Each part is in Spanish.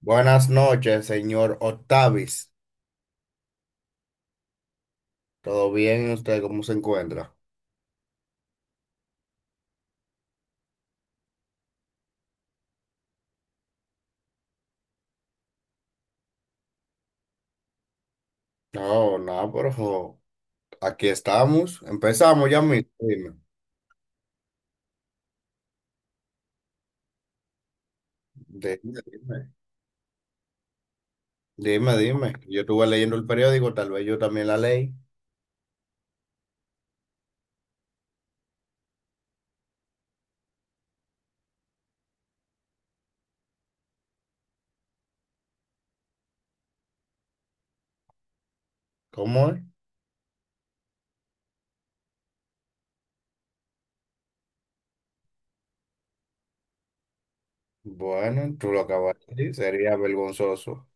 Buenas noches, señor Octavis. ¿Todo bien? ¿Usted cómo se encuentra? No, no, pero jo, aquí estamos. Empezamos ya mismo. Dime, dime, dime, dime, dime. Yo estuve leyendo el periódico, tal vez yo también la leí. ¿Cómo es? Bueno, tú lo acabas de decir, sería vergonzoso.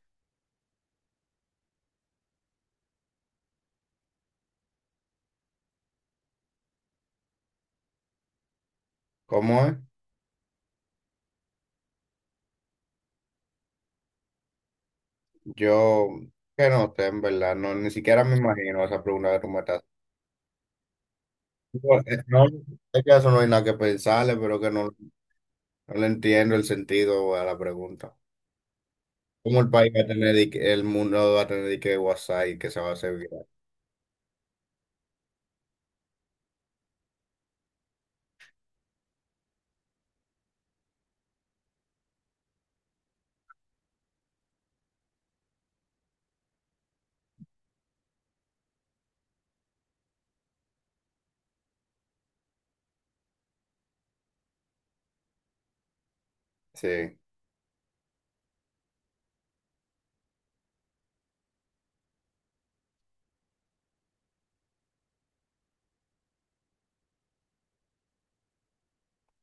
¿Cómo es? Yo, que no sé, en verdad, no, ni siquiera me imagino esa pregunta que tú me estás haciendo. No, es que eso no hay nada que pensarle, pero que no, no le entiendo el sentido a la pregunta. ¿Cómo el país va a tener, y que- el mundo va a tener y que WhatsApp y que se va a hacer viral. Sí,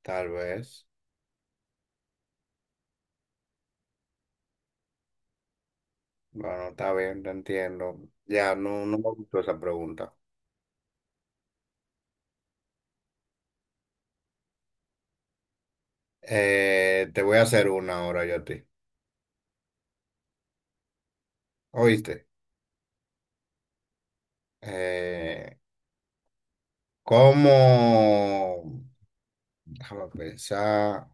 tal vez. Bueno, está bien, te entiendo. Ya, no, no me gustó esa pregunta. Te voy a hacer una ahora yo a ti. ¿Oíste? Eh, ¿Cómo? Déjame pensar.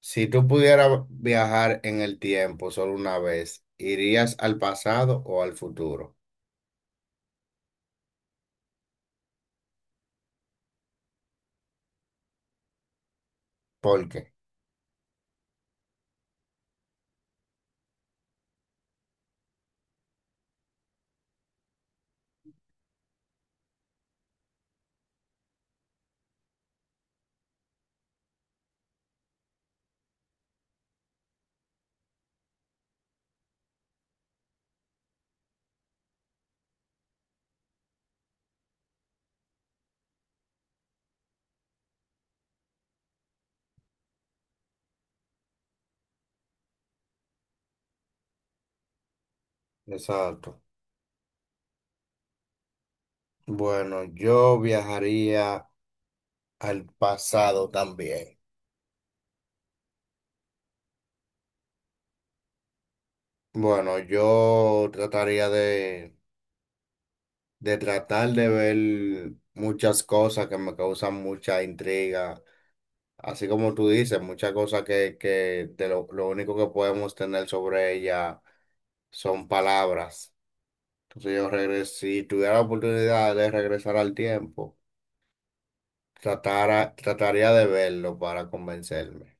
Si tú pudieras viajar en el tiempo solo una vez, ¿irías al pasado o al futuro? ¿Por qué? Exacto. Bueno, yo viajaría al pasado también. Bueno, yo trataría de tratar de ver muchas cosas que me causan mucha intriga, así como tú dices, muchas cosas que de lo único que podemos tener sobre ella son palabras. Entonces si tuviera la oportunidad de regresar al tiempo, trataría de verlo para convencerme.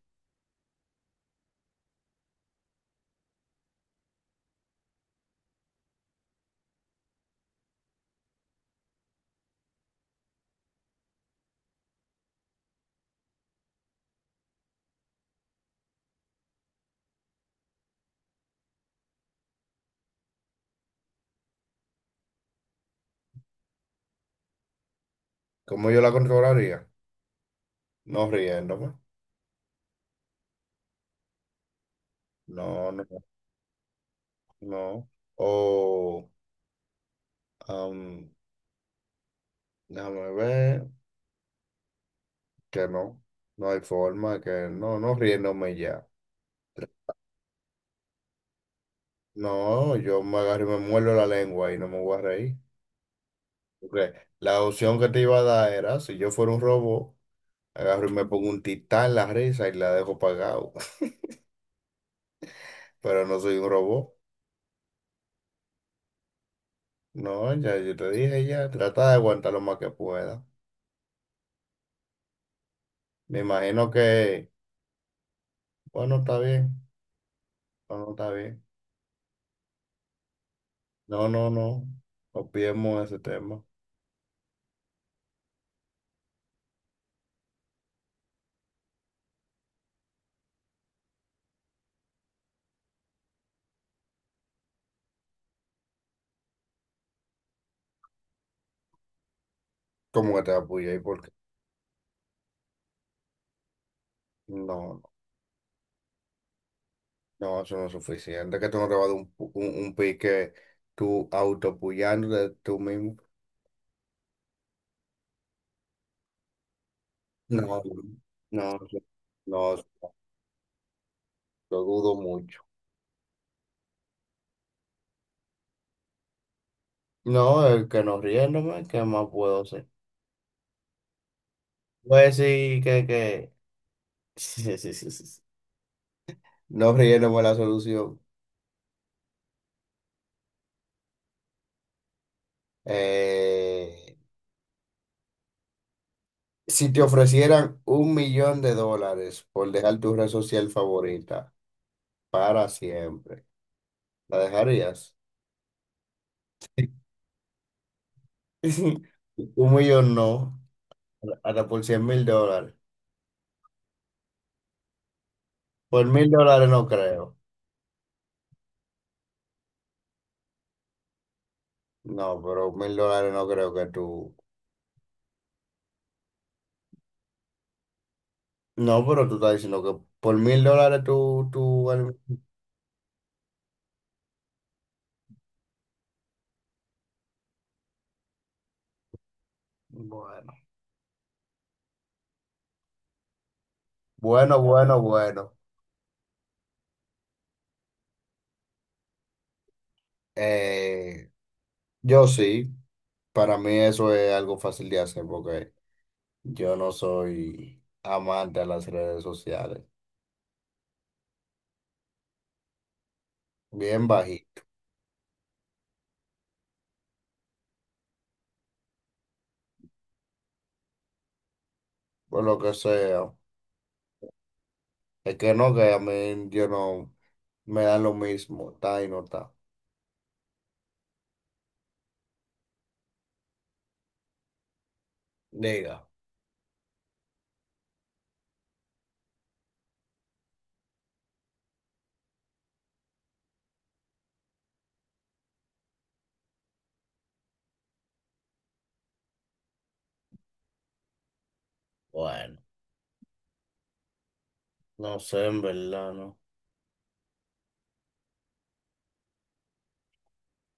¿Cómo yo la controlaría? No riéndome, no, no, no. O Am, Déjame ver que no, no hay forma, que no, no riéndome ya. No, yo me agarro y me muerdo la lengua y no me voy a reír. Porque la opción que te iba a dar era, si yo fuera un robot, agarro y me pongo un titán la risa y la dejo pagado. Pero no soy un robot. No, ya yo te dije ya, trata de aguantar lo más que pueda. Me imagino que, bueno, está bien, bueno, está bien. No, no, no, olvidemos ese tema. ¿Cómo que te apoyé? ¿Y por qué? No. No, eso no es suficiente. Que tú no te vas a dar un, un pique tú autopullándote tú mismo. No, no, no, lo dudo mucho. No, el que no riéndome, ¿qué más puedo hacer? Pues sí, que, que. Sí, sí, sí, sí, sí. No riéndome la solución. Eh, si te ofrecieran $1,000,000 por dejar tu red social favorita para siempre, ¿la dejarías? Un millón no. Hasta por $100,000. Por $1,000 no creo. No, pero $1,000 no creo que tú. No, pero tú estás diciendo que por $1,000 tú. Bueno, bueno, bueno, bueno. Eh, yo sí. Para mí eso es algo fácil de hacer porque yo no soy amante de las redes sociales. Bien bajito, por lo que sea. Es que no, que a mí yo no me dan lo mismo. Está y no está. Diga. Bueno. No sé, en verdad, no.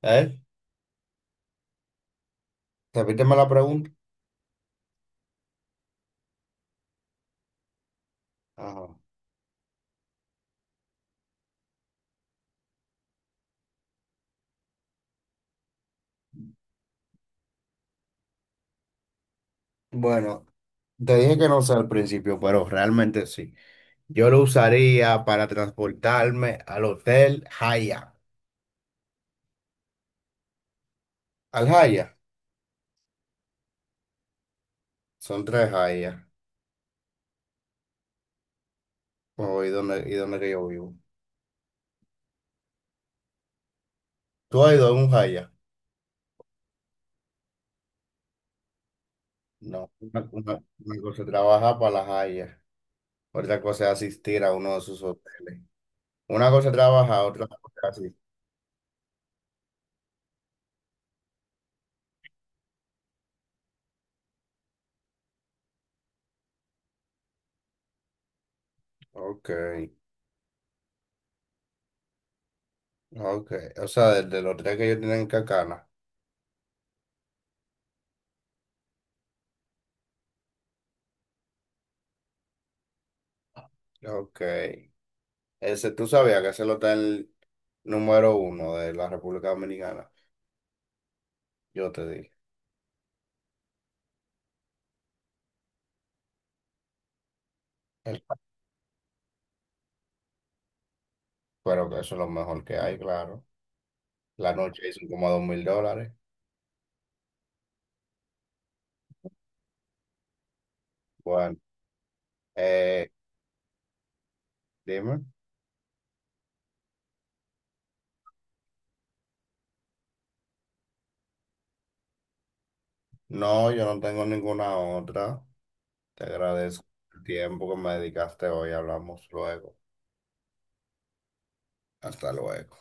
¿Eh? Repíteme la pregunta. Ajá. Bueno, te dije que no sé al principio, pero realmente sí. Yo lo usaría para transportarme al hotel Haya. Al Haya. Son tres Haya. Oh, ¿y dónde que yo vivo? ¿Tú has ido a un Haya? No. Una cosa es trabajar para la Haya. Otra cosa es asistir a uno de sus hoteles. Una cosa es trabajar, otra cosa es asistir. Ok, ok. O sea, desde los tres que ellos tienen en Cacana. Ok. Ese, tú sabías que ese lo está el número uno de la República Dominicana. Yo te dije. El- Pero que eso es lo mejor que hay, claro. La noche hizo como $2,000. Bueno, eh, dime. No, yo no tengo ninguna otra. Te agradezco el tiempo que me dedicaste hoy. Hablamos luego. Hasta luego.